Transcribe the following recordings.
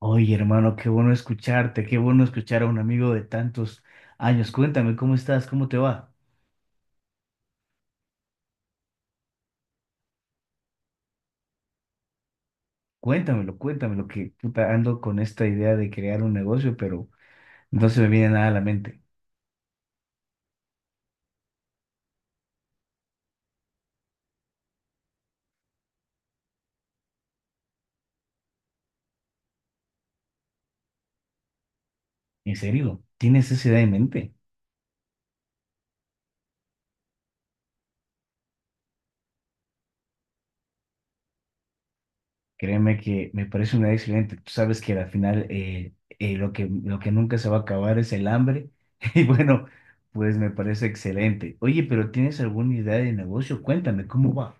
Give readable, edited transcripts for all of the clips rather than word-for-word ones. Oye, hermano, qué bueno escucharte, qué bueno escuchar a un amigo de tantos años. Cuéntame, ¿cómo estás? ¿Cómo te va? Cuéntamelo, cuéntamelo, que puta, ando con esta idea de crear un negocio, pero no se me viene nada a la mente. En serio, ¿tienes esa idea en mente? Créeme que me parece una idea excelente. Tú sabes que al final lo que nunca se va a acabar es el hambre. Y bueno, pues me parece excelente. Oye, pero ¿tienes alguna idea de negocio? Cuéntame, ¿cómo va?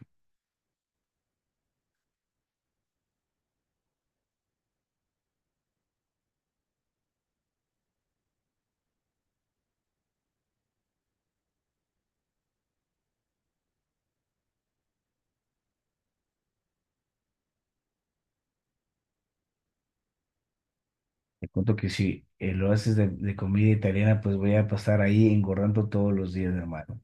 Te cuento que si lo haces de comida italiana, pues voy a pasar ahí engordando todos los días, hermano.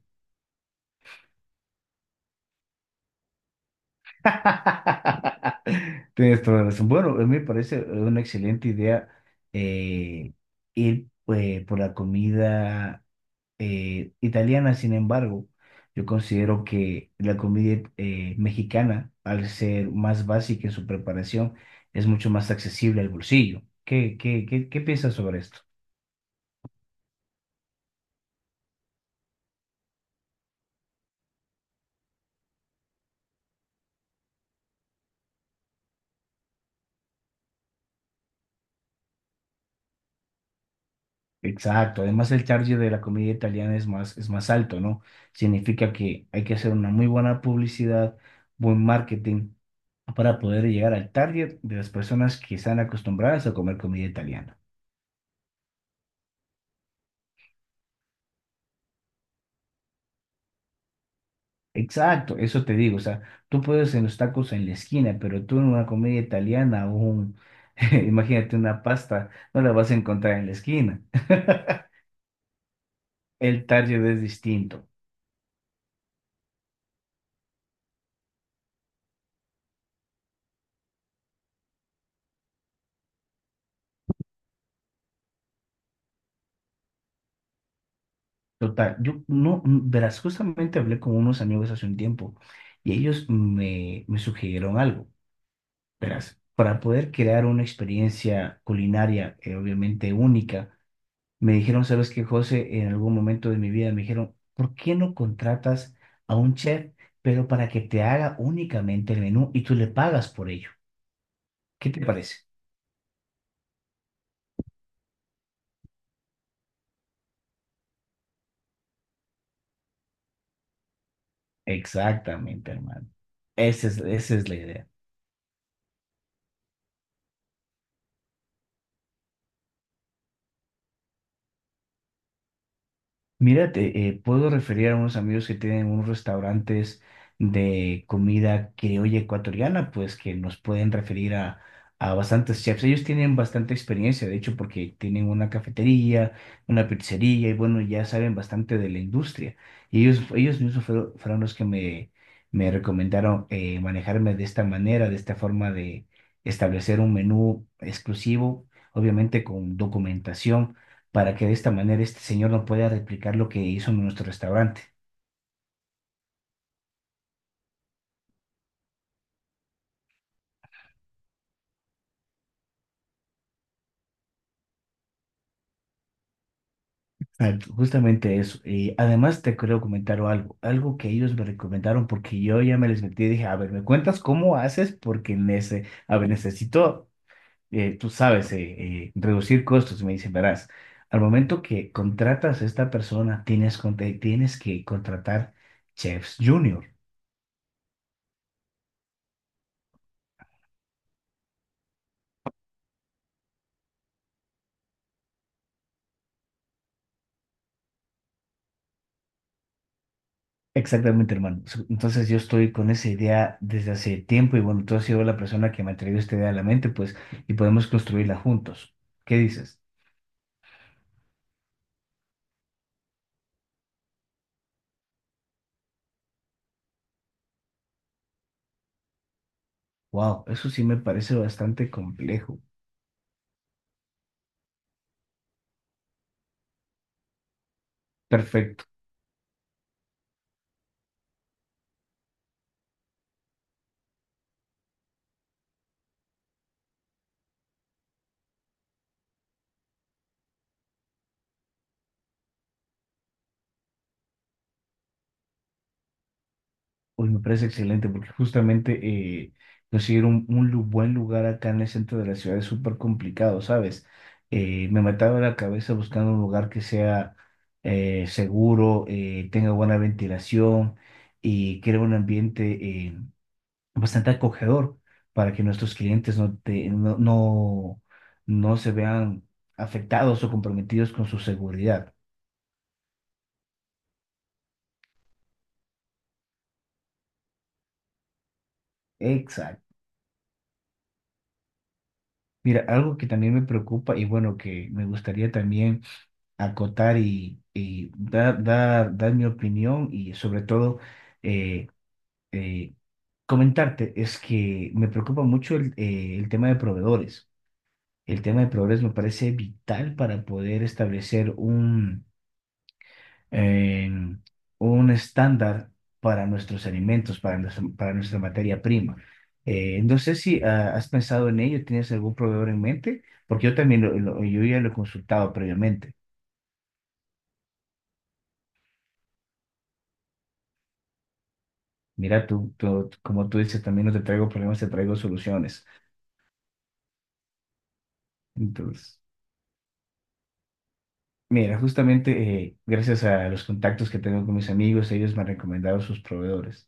Tienes toda la razón. Bueno, a mí me parece una excelente idea eh, ir por la comida italiana. Sin embargo, yo considero que la comida mexicana, al ser más básica en su preparación, es mucho más accesible al bolsillo. ¿Qué piensas sobre esto? Exacto, además el target de la comida italiana es más alto, ¿no? Significa que hay que hacer una muy buena publicidad, buen marketing para poder llegar al target de las personas que están acostumbradas a comer comida italiana. Exacto, eso te digo, o sea, tú puedes en los tacos en la esquina, pero tú en una comida italiana o un, imagínate una pasta, no la vas a encontrar en la esquina. El target es distinto. Total, yo no, verás, justamente hablé con unos amigos hace un tiempo y ellos me sugirieron algo, verás, para poder crear una experiencia culinaria obviamente única, me dijeron, ¿sabes qué, José? En algún momento de mi vida me dijeron, ¿por qué no contratas a un chef, pero para que te haga únicamente el menú y tú le pagas por ello? ¿Qué te parece? Exactamente, hermano. Esa es la idea. Mira, te puedo referir a unos amigos que tienen unos restaurantes de comida criolla ecuatoriana, pues que nos pueden referir a bastantes chefs. Ellos tienen bastante experiencia, de hecho, porque tienen una cafetería, una pizzería y bueno, ya saben bastante de la industria. Y ellos mismos fueron los que me recomendaron manejarme de esta manera, de esta forma de establecer un menú exclusivo, obviamente con documentación para que de esta manera este señor no pueda replicar lo que hizo en nuestro restaurante. Ah, justamente eso. Y además te quiero comentar algo, algo que ellos me recomendaron porque yo ya me les metí y dije, a ver, ¿me cuentas cómo haces? Porque nece- a ver, necesito, tú sabes, reducir costos. Y me dicen, verás, al momento que contratas a esta persona, tienes, con- te- tienes que contratar chefs junior. Exactamente, hermano. So- Entonces yo estoy con esa idea desde hace tiempo y bueno, tú has sido la persona que me ha traído esta idea a la mente, pues, y podemos construirla juntos. ¿Qué dices? Wow, eso sí me parece bastante complejo. Perfecto. Uy, me parece excelente porque justamente eh, conseguir un lu- buen lugar acá en el centro de la ciudad es súper complicado, ¿sabes? Me mataba la cabeza buscando un lugar que sea seguro, tenga buena ventilación y crea un ambiente eh, bastante acogedor para que nuestros clientes no, te- no se vean afectados o comprometidos con su seguridad. Exacto. Mira, algo que también me preocupa y bueno, que me gustaría también acotar y dar, dar mi opinión y sobre todo eh, eh, comentarte es que me preocupa mucho el tema de proveedores. El tema de proveedores me parece vital para poder establecer eh, un estándar para nuestros alimentos, para para nuestra materia prima. No sé si has pensado en ello, ¿tienes algún proveedor en mente? Porque yo también yo ya lo he consultado previamente. Mira, como tú dices, también no te traigo problemas, te traigo soluciones. Entonces, mira, justamente gracias a los contactos que tengo con mis amigos, ellos me han recomendado sus proveedores.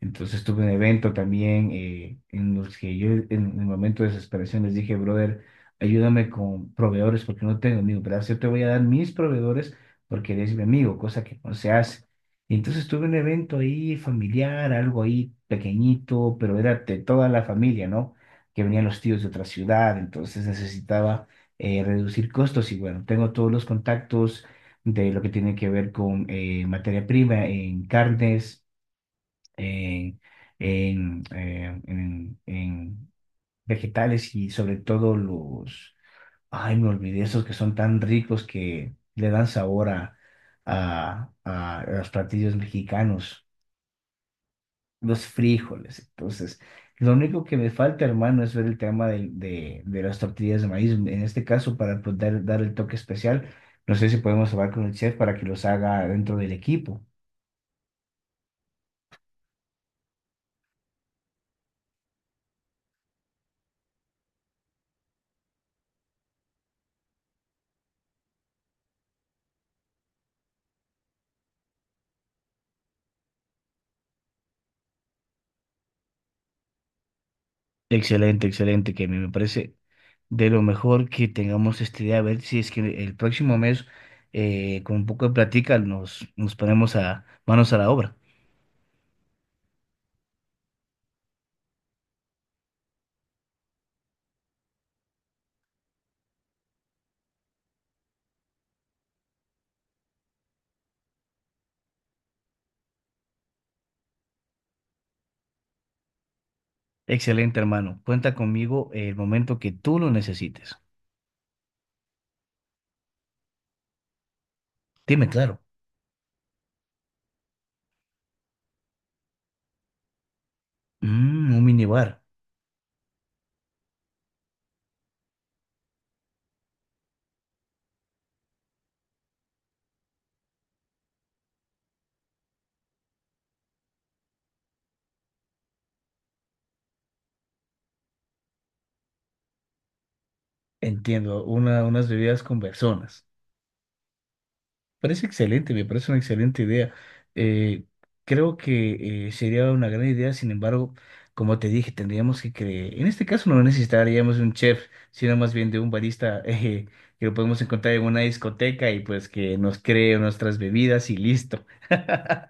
Entonces tuve un evento también en los que yo en el momento de desesperación les dije, brother, ayúdame con proveedores porque no tengo amigos, ¿verdad? Yo te voy a dar mis proveedores porque eres mi amigo, cosa que no se hace. Y entonces tuve un evento ahí familiar, algo ahí pequeñito, pero era de toda la familia, ¿no? Que venían los tíos de otra ciudad, entonces necesitaba reducir costos y bueno, tengo todos los contactos de lo que tiene que ver con materia prima en carnes, en, en vegetales y sobre todo los, ay, me olvidé, esos que son tan ricos que le dan sabor a los platillos mexicanos, los frijoles. Entonces, lo único que me falta, hermano, es ver el tema del- de las tortillas de maíz. En este caso, para poder dar el toque especial, no sé si podemos hablar con el chef para que los haga dentro del equipo. Excelente, excelente, que a mí me parece de lo mejor que tengamos esta idea. A ver si es que el próximo mes, con un poco de plática, nos ponemos a manos a la obra. Excelente, hermano. Cuenta conmigo el momento que tú lo necesites. Dime, claro. Mm, un minibar. Entiendo, una, unas bebidas con personas. Parece excelente, me parece una excelente idea. Eh, Creo que sería una gran idea, sin embargo, como te dije, tendríamos que creer. En este caso no necesitaríamos un chef, sino más bien de un barista que lo podemos encontrar en una discoteca y pues que nos cree nuestras bebidas y listo.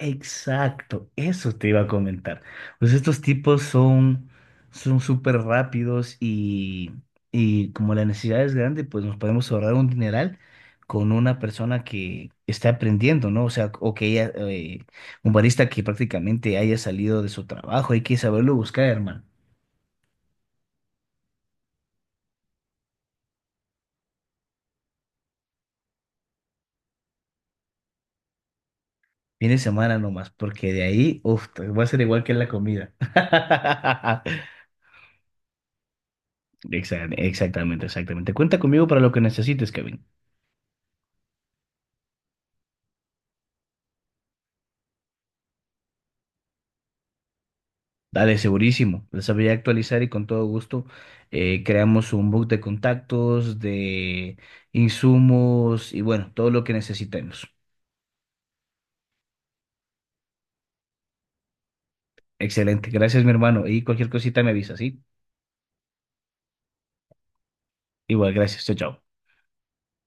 Exacto, eso te iba a comentar. Pues estos tipos son súper rápidos y como la necesidad es grande, pues nos podemos ahorrar un dineral con una persona que está aprendiendo, ¿no? O sea, o que ella, un barista que prácticamente haya salido de su trabajo, hay que saberlo buscar, hermano. Viene semana nomás, porque de ahí, uff, va a ser igual que en la comida. Exactamente, exactamente. Cuenta conmigo para lo que necesites, Kevin. Dale, segurísimo. Les sabría actualizar y con todo gusto creamos un book de contactos, de insumos y bueno, todo lo que necesitemos. Excelente. Gracias, mi hermano. Y cualquier cosita me avisa, ¿sí? Igual, gracias. Chao, chao.